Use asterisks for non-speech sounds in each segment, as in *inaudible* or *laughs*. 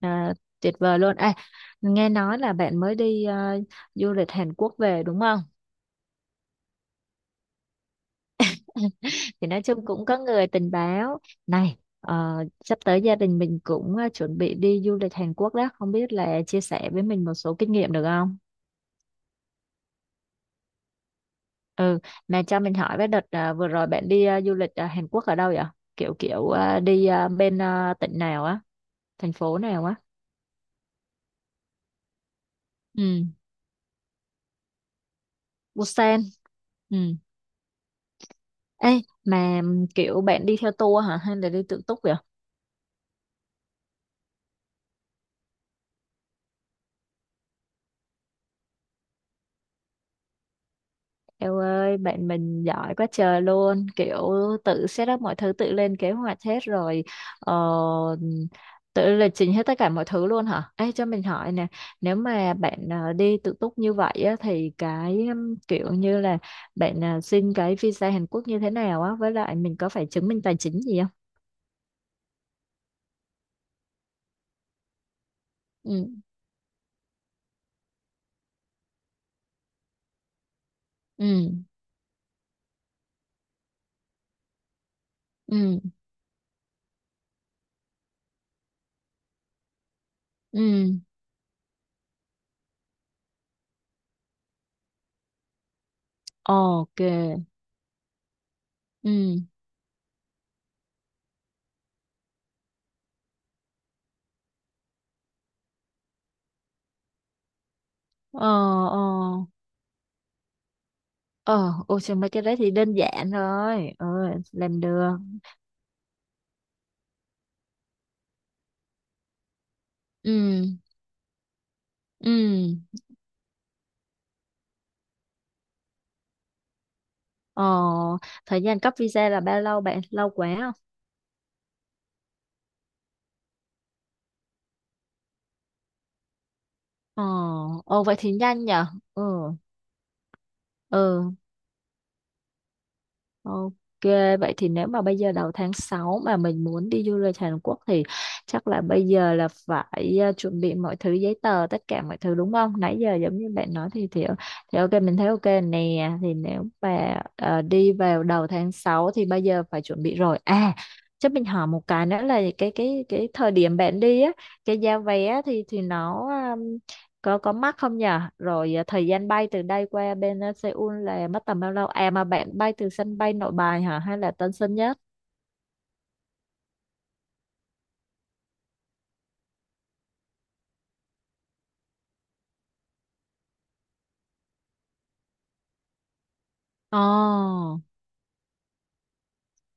À, tuyệt vời luôn. À, nghe nói là bạn mới đi du lịch Hàn Quốc về đúng không? *laughs* Thì nói chung cũng có người tình báo này sắp tới gia đình mình cũng chuẩn bị đi du lịch Hàn Quốc đó. Không biết là chia sẻ với mình một số kinh nghiệm được không? Ừ, mà cho mình hỏi với đợt vừa rồi bạn đi du lịch Hàn Quốc ở đâu vậy? Kiểu kiểu đi bên tỉnh nào á, thành phố nào á? Ừ, Busan. Ừ. Ê, mà kiểu bạn đi theo tour hả hay là đi tự túc vậy? Eo ơi, bạn mình giỏi quá trời luôn, kiểu tự set up mọi thứ, tự lên kế hoạch hết rồi, ờ, tự lịch trình hết tất cả mọi thứ luôn hả? Ê, cho mình hỏi nè, nếu mà bạn đi tự túc như vậy á, thì cái kiểu như là bạn xin cái visa Hàn Quốc như thế nào á, với lại mình có phải chứng minh tài chính gì không? Ừ, ừ, ừ, ừ, ok, ừ, ờ, ờ. Ờ, ôi trời mấy cái đấy thì đơn giản rồi, làm được. Ừ. Ừ. ờ Thời gian cấp visa là bao lâu bạn, lâu quá không? ờ Ồ vậy thì nhanh nhở. Ừ. Ừ. Ok, vậy thì nếu mà bây giờ đầu tháng 6 mà mình muốn đi du lịch Hàn Quốc thì chắc là bây giờ là phải chuẩn bị mọi thứ giấy tờ tất cả mọi thứ đúng không? Nãy giờ giống như bạn nói thì ok mình thấy ok nè, thì nếu mà đi vào đầu tháng 6 thì bây giờ phải chuẩn bị rồi. À, chắc mình hỏi một cái nữa là cái thời điểm bạn đi á, cái giá vé thì nó, có mắc không nhở, rồi thời gian bay từ đây qua bên, Seoul là mất tầm bao lâu, mà bạn bay từ sân bay Nội Bài hả hay là Tân Sơn Nhất? Ờ,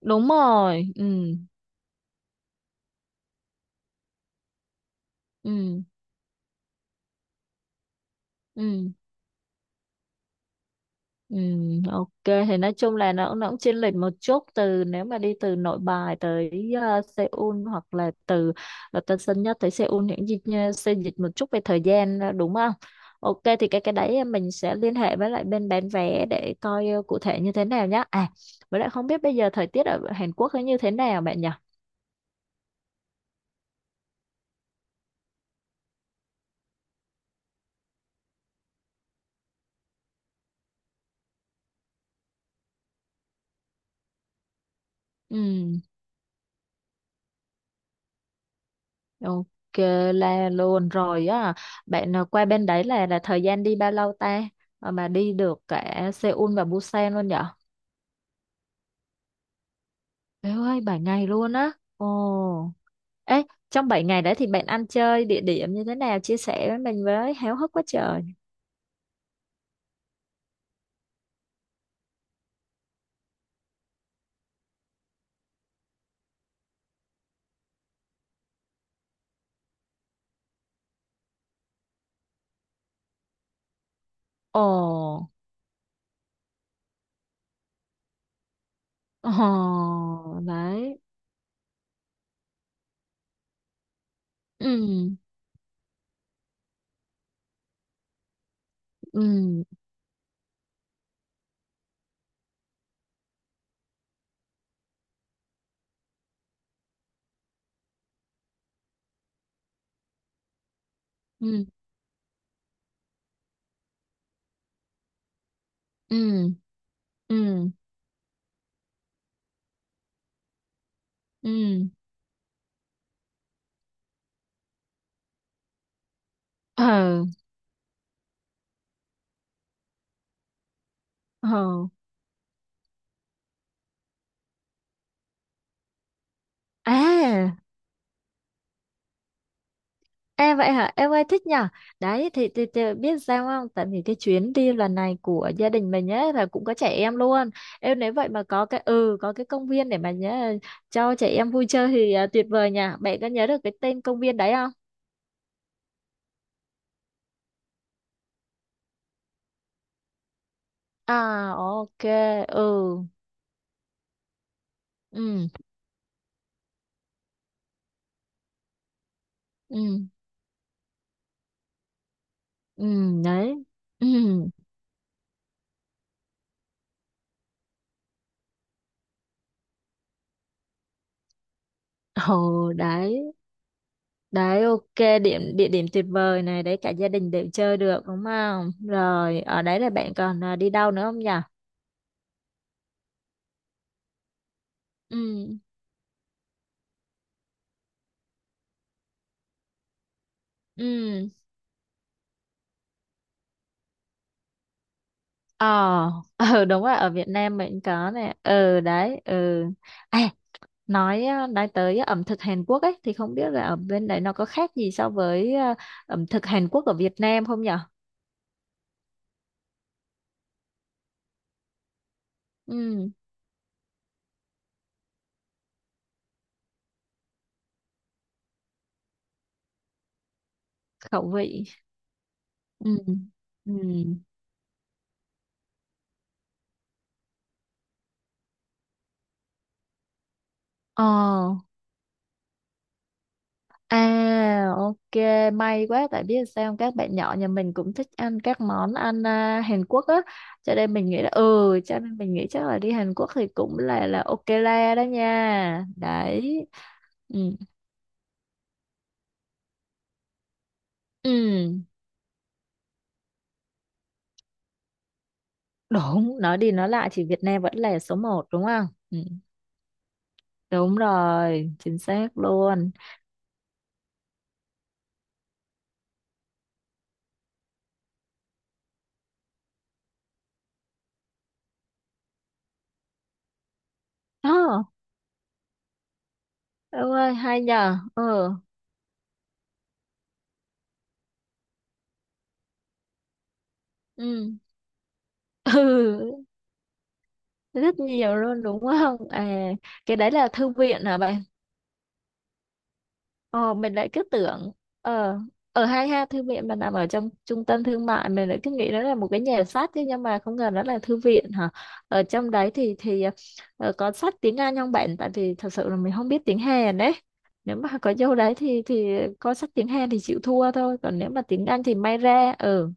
đúng rồi. Ừ. Ừ. Ừ. Ừ, ok thì nói chung là nó cũng chênh lệch một chút, từ nếu mà đi từ Nội Bài tới Seoul hoặc là từ Tân Sơn Nhất tới Seoul những gì xe dịch một chút về thời gian, đúng không? Ok thì cái đấy mình sẽ liên hệ với lại bên bán vé để coi cụ thể như thế nào nhá. À với lại không biết bây giờ thời tiết ở Hàn Quốc nó như thế nào bạn nhỉ? Ừ, ok là luôn rồi á. Bạn qua bên đấy là thời gian đi bao lâu ta? Ờ, mà đi được cả Seoul và Busan luôn nhỉ? Bé ơi, 7 ngày luôn á. Ồ. Ê, trong 7 ngày đấy thì bạn ăn chơi địa điểm như thế nào, chia sẻ với mình với, háo hức quá trời. Ồ. Ồ, đấy. Ừ. Ừ. Ừ. Ừ. Ừ. Ừ. Ừ. À. Em vậy hả? Em ơi thích nhở? Đấy thì biết sao không? Tại vì cái chuyến đi lần này của gia đình mình ấy là cũng có trẻ em luôn. Em nếu vậy mà có cái công viên để mà nhớ, cho trẻ em vui chơi thì tuyệt vời nhỉ. Bạn có nhớ được cái tên công viên đấy không? À ok. Ừ. Ừ. Ừ. Ừ đấy. Ừ. Ồ đấy. Đấy ok, địa điểm tuyệt vời này đấy, cả gia đình đều chơi được đúng không? Rồi ở đấy là bạn còn đi đâu nữa không nhỉ? Ừ. Ừ. ờ *laughs* ờ đúng rồi, ở Việt Nam mình có nè. Ờ, đấy. Ừ. À, nói tới ẩm thực Hàn Quốc ấy thì không biết là ở bên đấy nó có khác gì so với ẩm thực Hàn Quốc ở Việt Nam không nhở? Ừ. Khẩu vị. Ừ. Ừ. Ờ. À, ok. May quá, tại biết sao không? Các bạn nhỏ nhà mình cũng thích ăn các món ăn, Hàn Quốc á, cho nên mình nghĩ là. Ừ cho nên mình nghĩ chắc là đi Hàn Quốc thì cũng là ok la đó nha đấy. Ừ. Ừ. Đúng, nói đi nói lại thì Việt Nam vẫn là số một đúng không. Ừ. Đúng rồi chính xác luôn. Đó ông ơi hay nhờ. Ừ. Ừ. *laughs* Ừ, rất nhiều luôn đúng không? À, cái đấy là thư viện hả bạn? Ờ, mình lại cứ tưởng, ờ ở hai ha, thư viện mà nằm ở trong trung tâm thương mại mình lại cứ nghĩ đó là một cái nhà sách chứ, nhưng mà không ngờ đó là thư viện hả? Ở trong đấy thì có sách tiếng Anh không bạn, tại vì thật sự là mình không biết tiếng Hàn đấy. Nếu mà có vô đấy thì có sách tiếng Hàn thì chịu thua thôi, còn nếu mà tiếng Anh thì may ra. Ừ.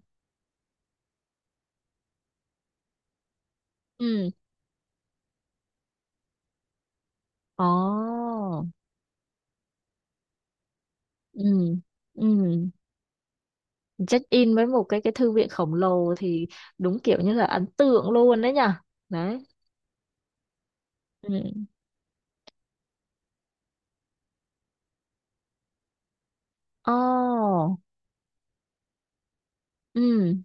Ừ. Ồ. Ừ. Ừ. Check in với một cái thư viện khổng lồ thì đúng kiểu như là ấn tượng luôn đấy nhở. Đấy. Ừ. Ồ. Ừ.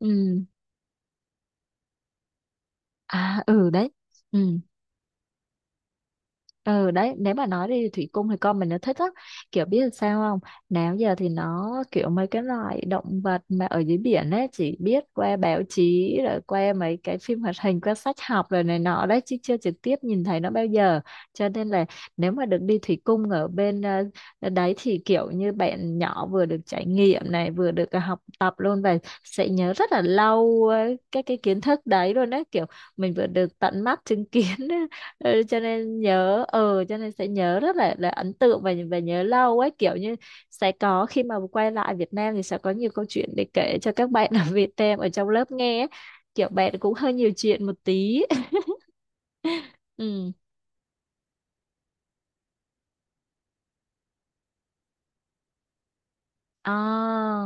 Ừ. À. Ừ đấy. Ừ. Ừ đấy, nếu mà nói đi thủy cung thì con mình nó thích lắm. Kiểu biết làm sao không, nào giờ thì nó kiểu mấy cái loại động vật mà ở dưới biển ấy chỉ biết qua báo chí, rồi qua mấy cái phim hoạt hình, qua sách học rồi này nọ đấy, chứ chưa trực tiếp nhìn thấy nó bao giờ. Cho nên là nếu mà được đi thủy cung ở bên, đấy thì kiểu như bạn nhỏ vừa được trải nghiệm này vừa được học tập luôn, và sẽ nhớ rất là lâu các cái kiến thức đấy luôn, đấy kiểu mình vừa được tận mắt chứng kiến. *laughs* Ừ, cho nên sẽ nhớ rất là ấn tượng và nhớ lâu ấy, kiểu như sẽ có khi mà quay lại Việt Nam thì sẽ có nhiều câu chuyện để kể cho các bạn ở Việt Nam ở trong lớp nghe ấy. Kiểu bạn cũng hơi nhiều chuyện một tí. *laughs* Ừ. À.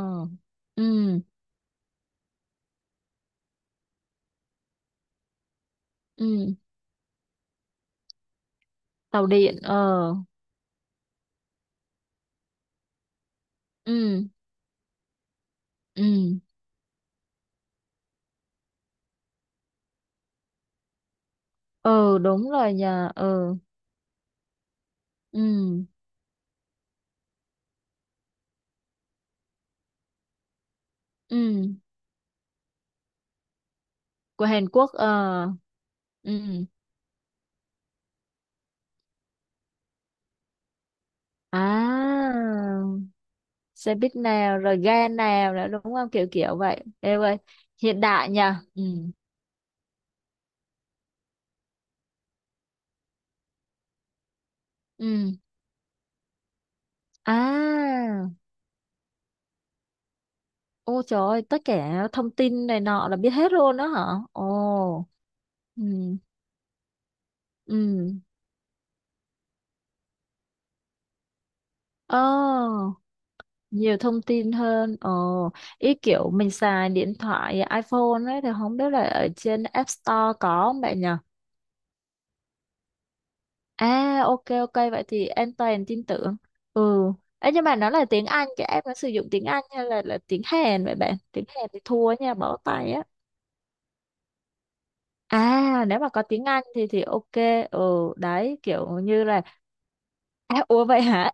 Ừ. Ừ. Tàu điện. Ờ. Ừ. Ừ. Ờ đúng rồi nhờ. Ờ. Ừ. Ừ. Của Hàn Quốc. Ờ. Ừ. À, xe buýt nào rồi ga nào nữa đúng không, kiểu kiểu vậy. Ê ơi hiện đại nha. Ừ. Ừ. À ô trời ơi, tất cả thông tin này nọ là biết hết luôn đó hả? Ồ. Ừ. Ừ. Ồ, nhiều thông tin hơn. Ồ. Ý kiểu mình xài điện thoại iPhone ấy thì không biết là ở trên App Store có không bạn nhỉ? À ok, ok vậy thì an toàn tin tưởng. Ừ. Ấy nhưng mà nó là tiếng Anh, cái app nó sử dụng tiếng Anh hay là tiếng Hàn vậy bạn? Tiếng Hàn thì thua nha, bó tay á. À nếu mà có tiếng Anh thì ok. Ừ đấy kiểu như là. À ủa vậy hả?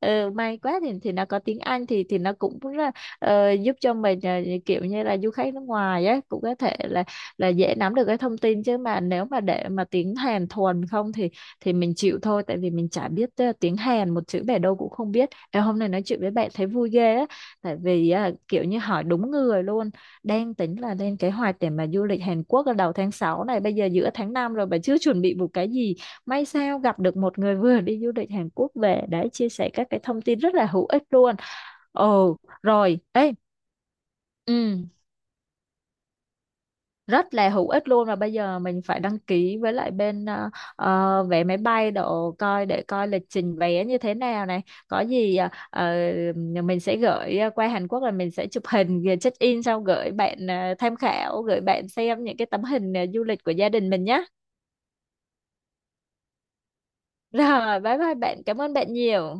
Ừ, may quá thì nó có tiếng Anh thì nó cũng rất là, giúp cho mình, kiểu như là du khách nước ngoài á cũng có thể là dễ nắm được cái thông tin, chứ mà nếu mà để mà tiếng Hàn thuần không thì mình chịu thôi, tại vì mình chả biết tiếng Hàn một chữ bẻ đâu cũng không biết. Ê, hôm nay nói chuyện với bạn thấy vui ghê á, tại vì kiểu như hỏi đúng người luôn, đang tính là lên kế hoạch để mà du lịch Hàn Quốc ở đầu tháng 6 này, bây giờ giữa tháng 5 rồi mà chưa chuẩn bị một cái gì. May sao gặp được một người vừa đi du lịch Hàn Quốc về để chia sẻ các cái thông tin rất là hữu ích luôn. Ồ, rồi, ê, ừ, rất là hữu ích luôn. Và bây giờ mình phải đăng ký với lại bên, vé máy bay độ coi, để coi lịch trình vé như thế nào này. Có gì, mình sẽ gửi, qua Hàn Quốc là mình sẽ chụp hình rồi check in xong gửi bạn tham khảo, gửi bạn xem những cái tấm hình du lịch của gia đình mình nhé. Rồi, bye bye bạn, cảm ơn bạn nhiều.